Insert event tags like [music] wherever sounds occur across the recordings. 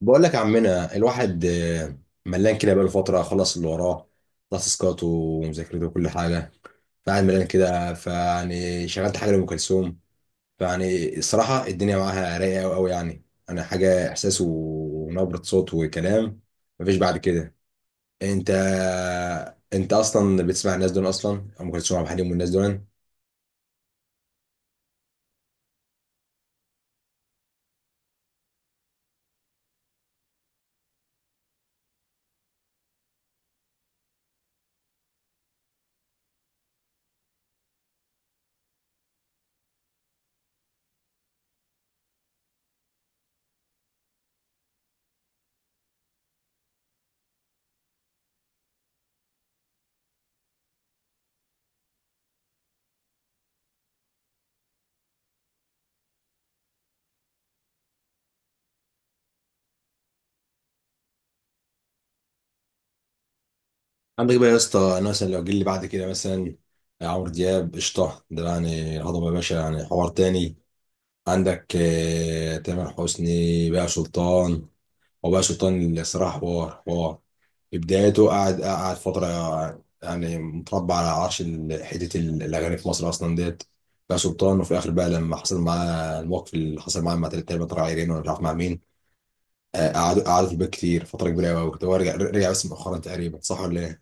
بقول لك يا عمنا الواحد، ملان كده بقاله فترة، خلص اللي وراه، خلص تاسكاته ومذاكرته وكل حاجة، فقاعد ملان كده. فيعني شغلت حاجة لأم كلثوم. فيعني الصراحة الدنيا معاها رايقة أوي أوي، يعني أنا حاجة، إحساس ونبرة صوت وكلام، مفيش بعد كده. أنت أنت أصلا بتسمع الناس دول؟ أصلا أم كلثوم، عبد الحليم والناس دول. عندك بقى يا اسطى، أنا مثلا لو جيلي بعد كده، مثلا عمرو دياب، قشطة ده يعني، هضبة يا باشا، يعني حوار تاني. عندك تامر حسني بقى سلطان. هو بقى سلطان اللي صراحة، حوار حوار. في بدايته قعد فترة، يعني متربع على عرش حتة الأغاني في مصر أصلا ديت. بقى سلطان، وفي الآخر بقى لما حصل معاه الموقف اللي حصل معاه مع تلات تقريبا، طلع عيرين ولا مش عارف مع مين. قعدوا في البيت كتير، فترة كبيرة أوي كنت. هو رجع بس مؤخرا تقريبا، صح ولا إيه؟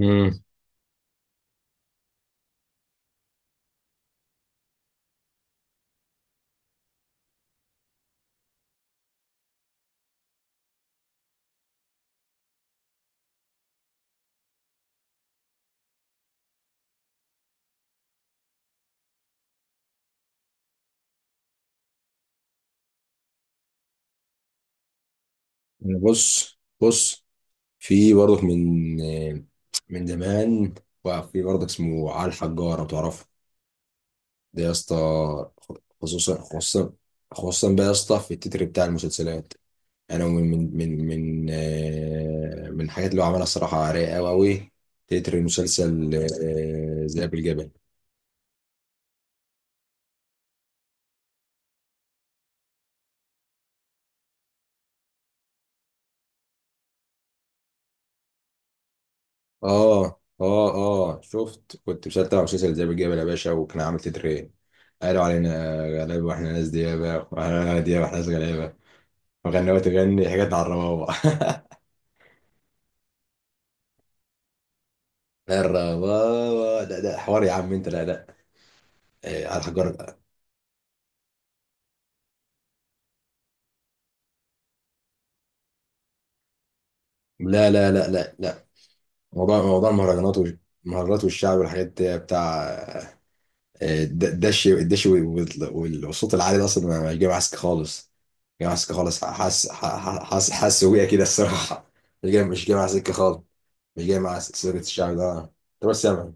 امم. بص بص، في برضك من من زمان، وفي برضك اسمه علي الحجار لو تعرفه، ده يا اسطى، خصوصا خصوصا، خصوصا بقى يا اسطى في التتر بتاع المسلسلات. انا من الحاجات اللي هو عملها، الصراحه رايقه قوي قوي. تتر مسلسل ذئاب الجبل. اه اه اه، شفت كنت مسلسل تبع مسلسل ذئاب الجبل يا باشا، وكان عامل تتر ايه؟ قالوا علينا غلابه واحنا ناس ديابه، واحنا ديابه واحنا ناس غلابه، وغنوه تغني حاجات على الربابه. [laughs] الربابه، لا لا، حوار يا عم انت، لا لا، إيه، على الحجر. لا لا لا لا لا، موضوع المهرجانات، والمهرجانات والشعب والحاجات دي، بتاع الدش والصوت العالي ده، اصلا ما جاي معسك خالص. جاي معسك خالص، حاسس حاسس حاسس بيها كده الصراحه. مش جاي مع سكه خالص، مش جاي مع سكه الشعب ده. طب سامع.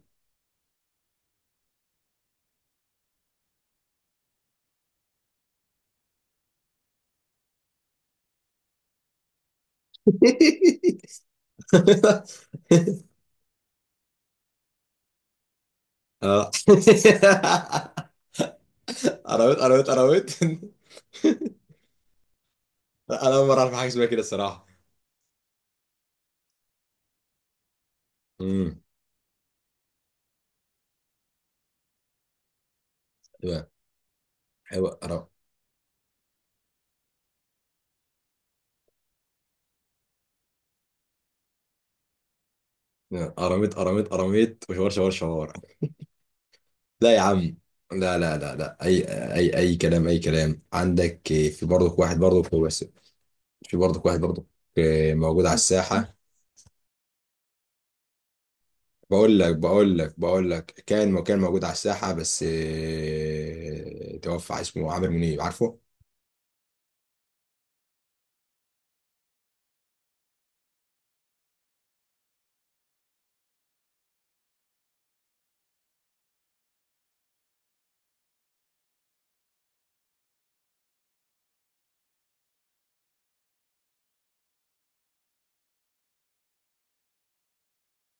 [laughs] اه. [laughs] قرويت قرويت قرويت. [laughs] انا اول مره اعرف حاجه اسمها كده الصراحه. امم. ايوه ايوه، قراميط قراميط قراميط، وشوار شوار شوار. لا يا عم، لا لا لا لا، اي كلام، اي كلام. عندك في برضك واحد برضك، هو بس. في برضك واحد برضك، موجود على الساحه. بقول لك كان موجود على الساحه بس، توفى، اسمه عامر منيب، عارفه؟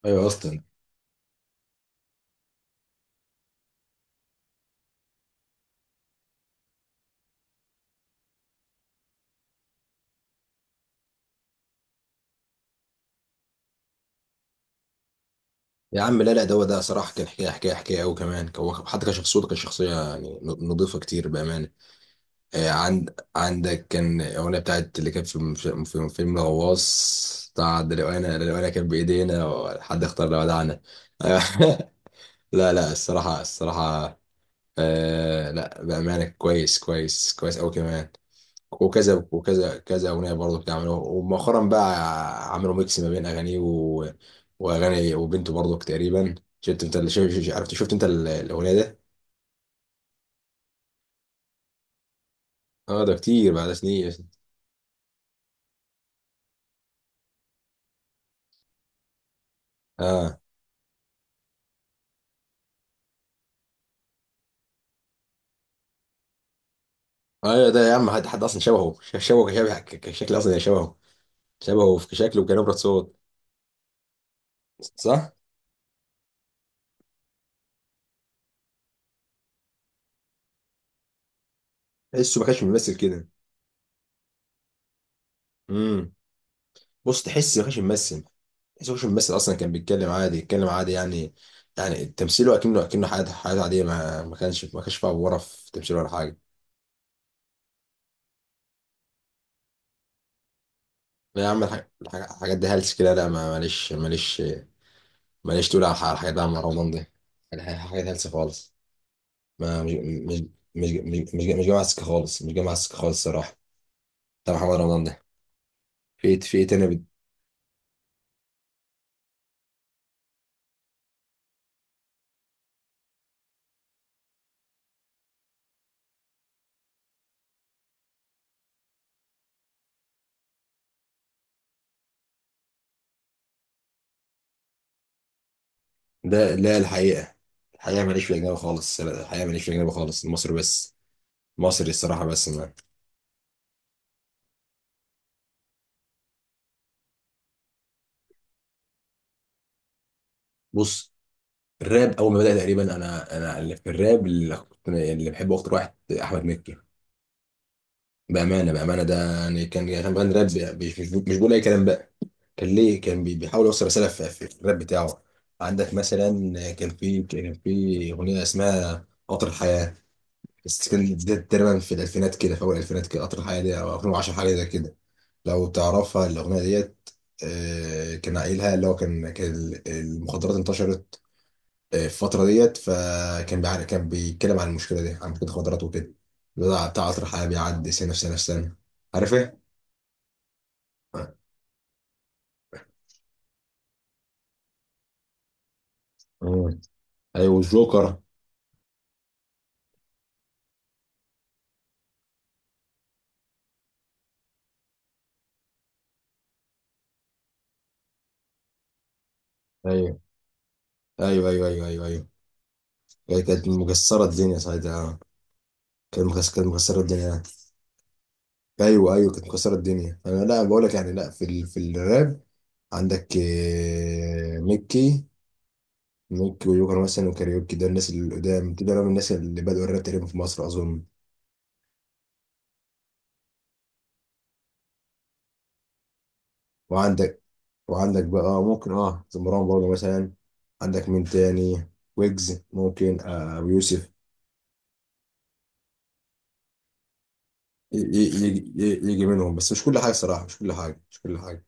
ايوه اصلا. يا عم لا لا، ده هو ده صراحه، كان حكايه حكايه حكايه قوي كمان. هو حتى كشخصيته، كشخصيه يعني، نظيفه كتير بامانه. عندك كان الأغنية بتاعت، اللي كانت في في فيلم الغواص بتاع ده، لو أنا لو أنا كان بإيدينا، حد اختار لو ودعنا، آه، [laughs] لا لا، الصراحة الصراحة، لا بأمانة كويس كويس كويس أوي كمان. وكذا أغنية برضه بتعملوا، ومؤخرا بقى عملوا ميكس ما بين أغانيه وأغاني وبنته برضه تقريبا. شفت أنت اللي شفت عرفت شفت أنت ال- الأغنية ده؟ أه ده كتير بعد سنين. اه ايوه، ده يا عم، حد اصلا شبهه، شبهه كشبه، كشكل اصلا يعني، شبهه شبهه في كشكله وكنبره صوت، صح؟ تحسه ما كانش بيمثل كده. امم بص، تحس ما كانش بيمثل. تحسه ما كانش بيمثل اصلا، كان بيتكلم عادي، يتكلم عادي يعني. يعني تمثيله اكنه حياته، عاديه، ما كانش فيها ورا في تمثيله ولا حاجه. لا يا عم، الحاجات دي هلس كده. لا ماليش تقول على الحاجات دي، عم رمضان دي، الحاجات هلس خالص. ما مش مش مش مش مش جاي مع السكه خالص، مش جاي مع السكه خالص الصراحه، بتاع محمد رمضان ده. فيت فيت انا بت... ده لا، الحقيقه، ماليش في الاجنبي خالص، الحقيقه ماليش في الاجنبي خالص، المصري بس، مصري الصراحه بس. ما بص، الراب اول ما بدا تقريبا، انا اللي في الراب، اللي بحبه اكتر واحد، احمد مكي بامانه. بامانه ده يعني كان، يعني كان بيغني راب، مش بيقول اي كلام بقى. كان ليه، كان بيحاول يوصل رساله في الراب بتاعه. عندك مثلا، كان في اغنيه اسمها قطر الحياه، بس كانت دي تقريبا في الالفينات كده، في اول الالفينات كده، قطر الحياه دي او 2010، حاجه زي كده، لو تعرفها الأغنية ديت. كان قايلها، اللي هو كان، المخدرات انتشرت في الفترة ديت. كان بيتكلم عن المشكلة دي، عن مشكلة المخدرات وكده، بتاع عطر حياة بيعدي سنة في سنة في سنة، عارف ايه؟ مم. ايوه الجوكر. ايوه ايوه ايوه ايوه ايوه ايوه، هي كانت مكسرة الدنيا ساعتها، كانت مكسرة، كانت مكسرة الدنيا. ايوه ايوه، كانت مكسرة الدنيا. انا لا بقول لك يعني، لا في الراب. عندك ميكي، ممكن ويوكر مثلا، وكاريوكي، ده الناس اللي قدام دول من الناس اللي بدأوا الراب تقريبا في مصر أظن. وعندك وعندك بقى ممكن مروان بابلو مثلا. عندك مين تاني؟ ويجز، ممكن ويوسف. يجي منهم، بس مش كل حاجة صراحة، مش كل حاجة، مش كل حاجة.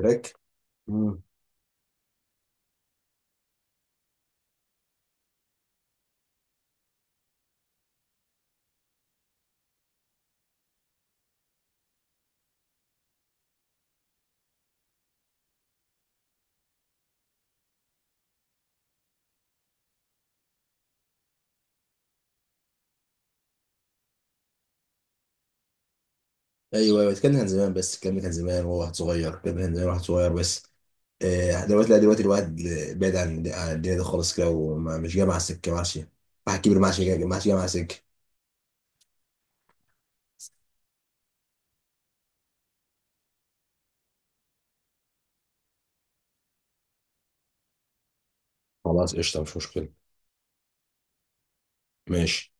راك. ايوه ايوه، الكلام ده كان زمان، بس الكلام ده كان زمان وهو واحد صغير، الكلام ده كان زمان واحد صغير بس. دلوقتي لا، دلوقتي الواحد بعيد عن الدنيا دي خالص كده، ومش جاي مع السكه، ما عادش واحد كبير، ما عادش جاي، ما عادش جاي مع السكه. خلاص قشطة، مش مشكلة. ماشي.